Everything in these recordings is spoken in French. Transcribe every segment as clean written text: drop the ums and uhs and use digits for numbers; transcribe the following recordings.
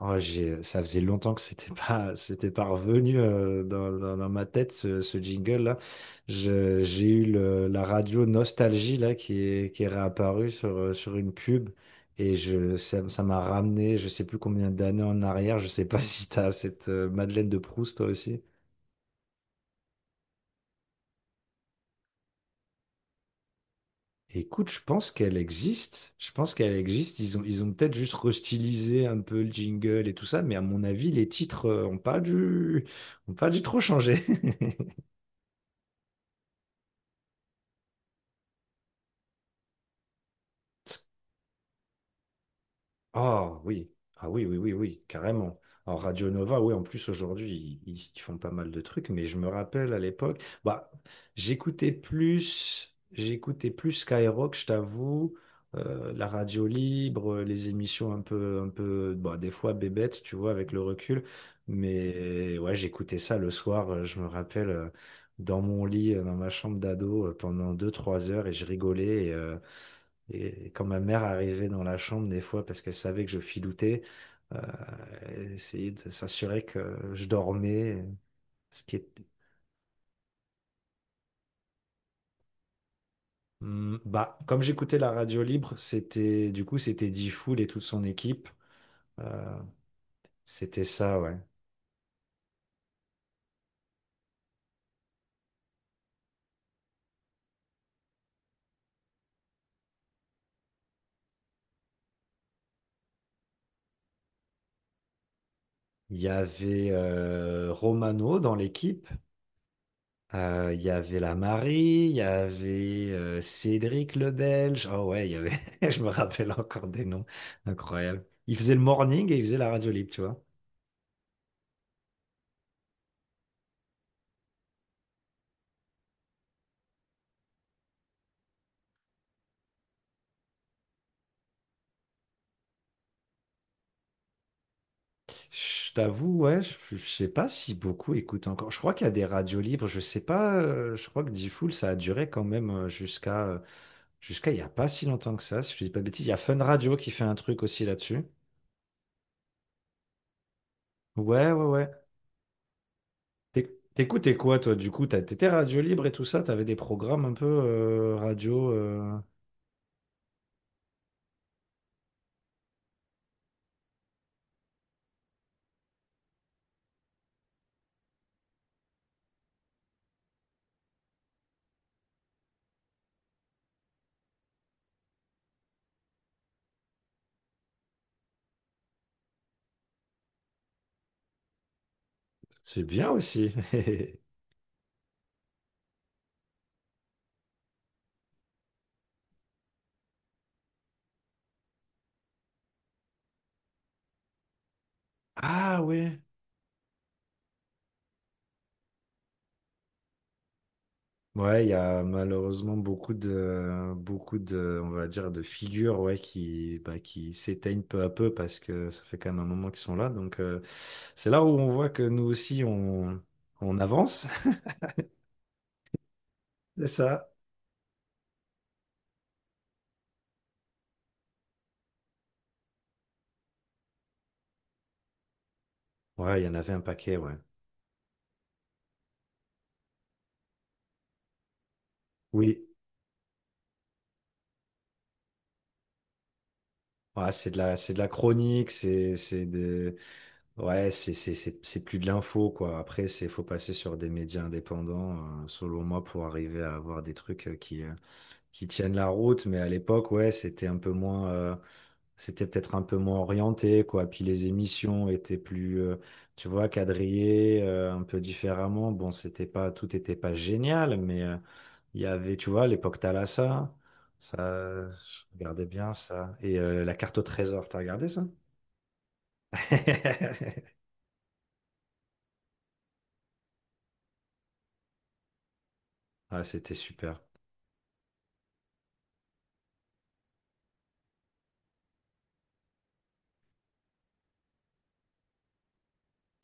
Oh, ça faisait longtemps que c'était pas, c'était pas revenu dans ma tête ce jingle-là. La radio Nostalgie là qui est réapparue sur une pub et ça m'a ramené, je sais plus combien d'années en arrière. Je sais pas si t'as cette Madeleine de Proust toi aussi. Écoute, je pense qu'elle existe. Je pense qu'elle existe. Ils ont peut-être juste restylisé un peu le jingle et tout ça, mais à mon avis, les titres ont pas dû trop changer. Ah oui, ah oui, oui, oui, oui, carrément. Alors Radio Nova, oui, en plus aujourd'hui, ils font pas mal de trucs, mais je me rappelle à l'époque, bah, j'écoutais plus Skyrock, je t'avoue, la radio libre, les émissions un peu, bah, des fois bébêtes, tu vois, avec le recul. Mais ouais, j'écoutais ça le soir, je me rappelle, dans mon lit, dans ma chambre d'ado, pendant deux trois heures, et je rigolais. Et quand ma mère arrivait dans la chambre, des fois, parce qu'elle savait que je filoutais, euh, elle essayait de s'assurer que je dormais. Ce qui est. Bah, comme j'écoutais la radio libre, c'était Difool et toute son équipe. Euh, c'était ça, ouais. Il y avait Romano dans l'équipe. Il y avait la Marie, il y avait Cédric le Belge. Oh ouais, je me rappelle encore des noms. Incroyable. Il faisait le morning et il faisait la radio libre, tu vois. Je t'avoue, ouais, je sais pas si beaucoup écoutent encore. Je crois qu'il y a des radios libres, je sais pas, je crois que Diffoul, ça a duré quand même jusqu'à il y a pas si longtemps que ça, si je dis pas de bêtises. Il y a Fun Radio qui fait un truc aussi là-dessus. Ouais, ouais, ouais. T'écoutais quoi, toi, du coup? T'étais radio libre et tout ça, t'avais des programmes un peu radio. C'est bien aussi. Ah ouais. Ouais, il y a malheureusement beaucoup de, on va dire, de figures, ouais, qui, bah, qui s'éteignent peu à peu parce que ça fait quand même un moment qu'ils sont là. Donc, c'est là où on voit que nous aussi, on avance. C'est ça. Ouais, il y en avait un paquet, ouais. Oui. Ouais, c'est de la chronique, c'est de, ouais, c'est plus de l'info, quoi. Après, faut passer sur des médias indépendants, selon moi, pour arriver à avoir des trucs qui tiennent la route, mais à l'époque, ouais, c'était un peu moins, c'était peut-être un peu moins orienté, quoi. Puis les émissions étaient plus, tu vois, quadrillées, un peu différemment. Bon, c'était pas, tout était pas génial, mais il y avait, tu vois, l'époque Thalassa, ça, je regardais bien ça. Et la carte au trésor, t'as regardé ça? Ah, c'était super.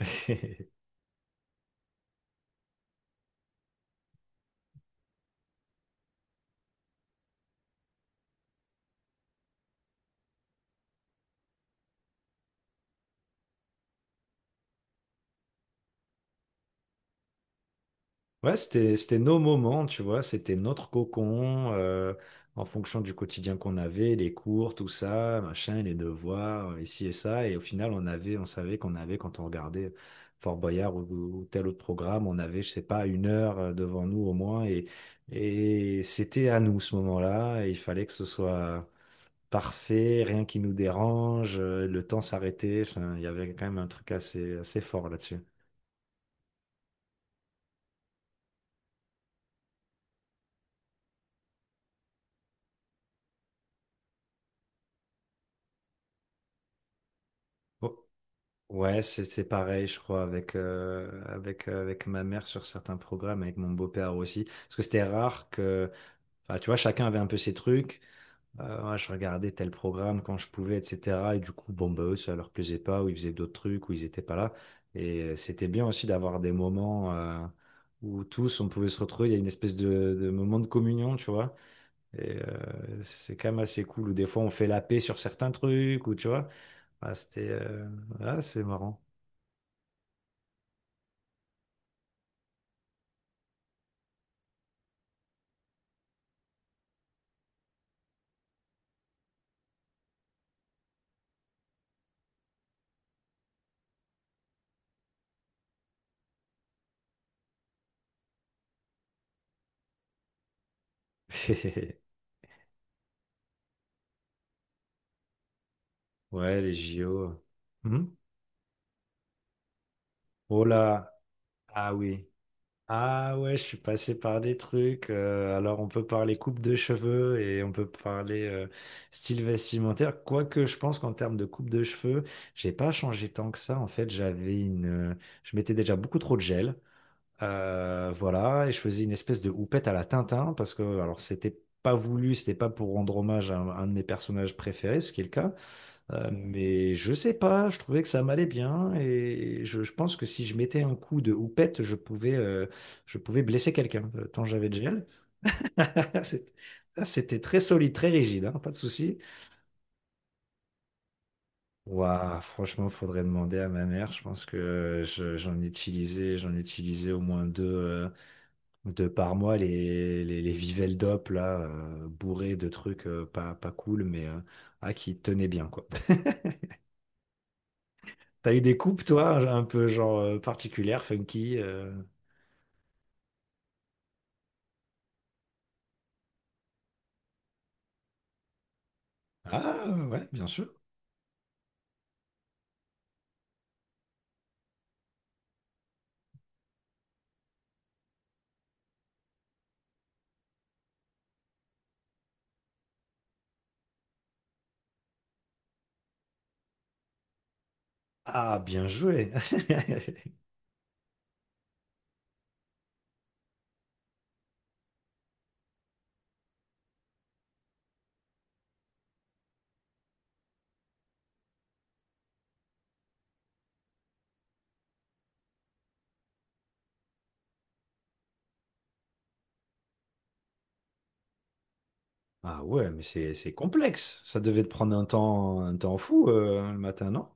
Ouais, c'était nos moments, tu vois, c'était notre cocon, en fonction du quotidien qu'on avait, les cours, tout ça, machin, les devoirs, ici et ça. Et au final, on savait qu'on avait, quand on regardait Fort Boyard ou tel autre programme, on avait, je sais pas, une heure devant nous au moins. Et c'était à nous ce moment-là. Et il fallait que ce soit parfait, rien qui nous dérange, le temps s'arrêtait. Enfin, il y avait quand même un truc assez, assez fort là-dessus. Oh. Ouais, c'est pareil, je crois, avec ma mère sur certains programmes, avec mon beau-père aussi. Parce que c'était rare que, enfin, tu vois, chacun avait un peu ses trucs. Moi, je regardais tel programme quand je pouvais, etc. Et du coup, bon, bah, eux, ça leur plaisait pas, ou ils faisaient d'autres trucs, ou ils étaient pas là. Et c'était bien aussi d'avoir des moments où tous, on pouvait se retrouver. Il y a une espèce de, moment de communion, tu vois. Et c'est quand même assez cool. Ou des fois, on fait la paix sur certains trucs, ou tu vois. Ah, c'est marrant. Ouais, les JO. Mhm. Oh là, ah oui. Ah ouais, je suis passé par des trucs. Alors on peut parler coupe de cheveux et on peut parler style vestimentaire. Quoique je pense qu'en termes de coupe de cheveux, j'ai pas changé tant que ça. En fait, euh, je mettais déjà beaucoup trop de gel. Voilà, et je faisais une espèce de houppette à la Tintin parce que alors c'était pas voulu, c'était pas pour rendre hommage à un de mes personnages préférés, ce qui est le cas. Mais je sais pas, je trouvais que ça m'allait bien et je pense que si je mettais un coup de houppette, je pouvais blesser quelqu'un, tant j'avais de gel. C'est- C'était très solide, très rigide, hein, pas de souci. Waouh, franchement, faudrait demander à ma mère. Je pense que j'en ai utilisé au moins deux, deux par mois, les Vivel d'op, là, bourrés de trucs pas cool, mais qui tenaient bien, quoi. T'as eu des coupes, toi, un peu genre particulières, funky Ah ouais, bien sûr. Ah, bien joué. Ah ouais, mais c'est complexe. Ça devait te prendre un temps fou le matin, non?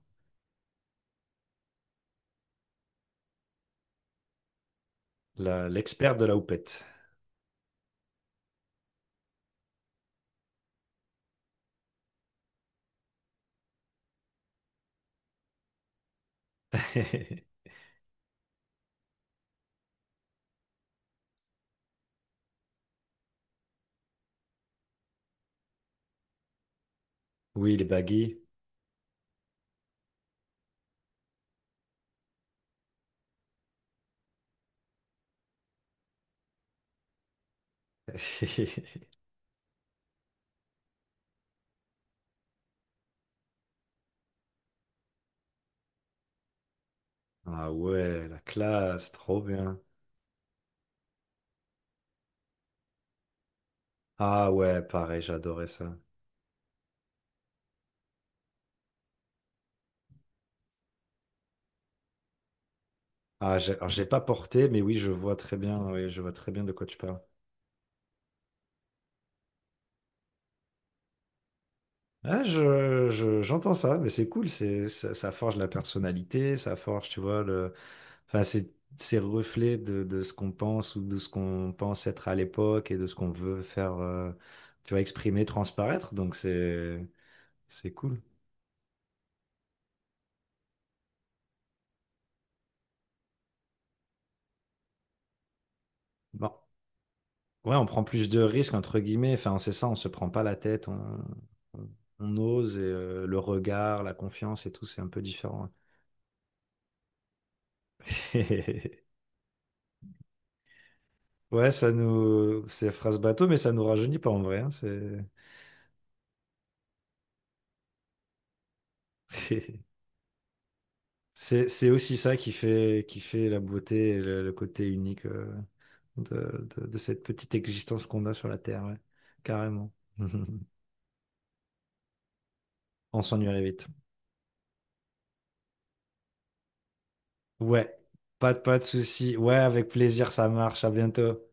L'expert de la houppette. Oui, les baggy. Ah ouais, la classe, trop bien. Ah ouais, pareil, j'adorais ça. Ah, j'ai pas porté, mais oui, je vois très bien, oui, je vois très bien de quoi tu parles. Ah, j'entends ça, mais c'est cool, ça forge la personnalité, ça forge, tu vois, enfin, c'est le reflet de, ce qu'on pense ou de ce qu'on pense être à l'époque et de ce qu'on veut faire, tu vois, exprimer, transparaître, donc c'est cool. Bon, ouais, on prend plus de risques, entre guillemets, enfin, c'est ça, on se prend pas la tête, on, on ose et le regard, la confiance et tout, c'est un peu différent. Ouais, c'est phrase bateau, mais ça nous rajeunit pas en vrai, hein, c'est. C'est aussi ça qui fait, la beauté et le côté unique de cette petite existence qu'on a sur la Terre, ouais. Carrément. On s'ennuierait vite. Ouais, pas de souci. Ouais, avec plaisir, ça marche. À bientôt.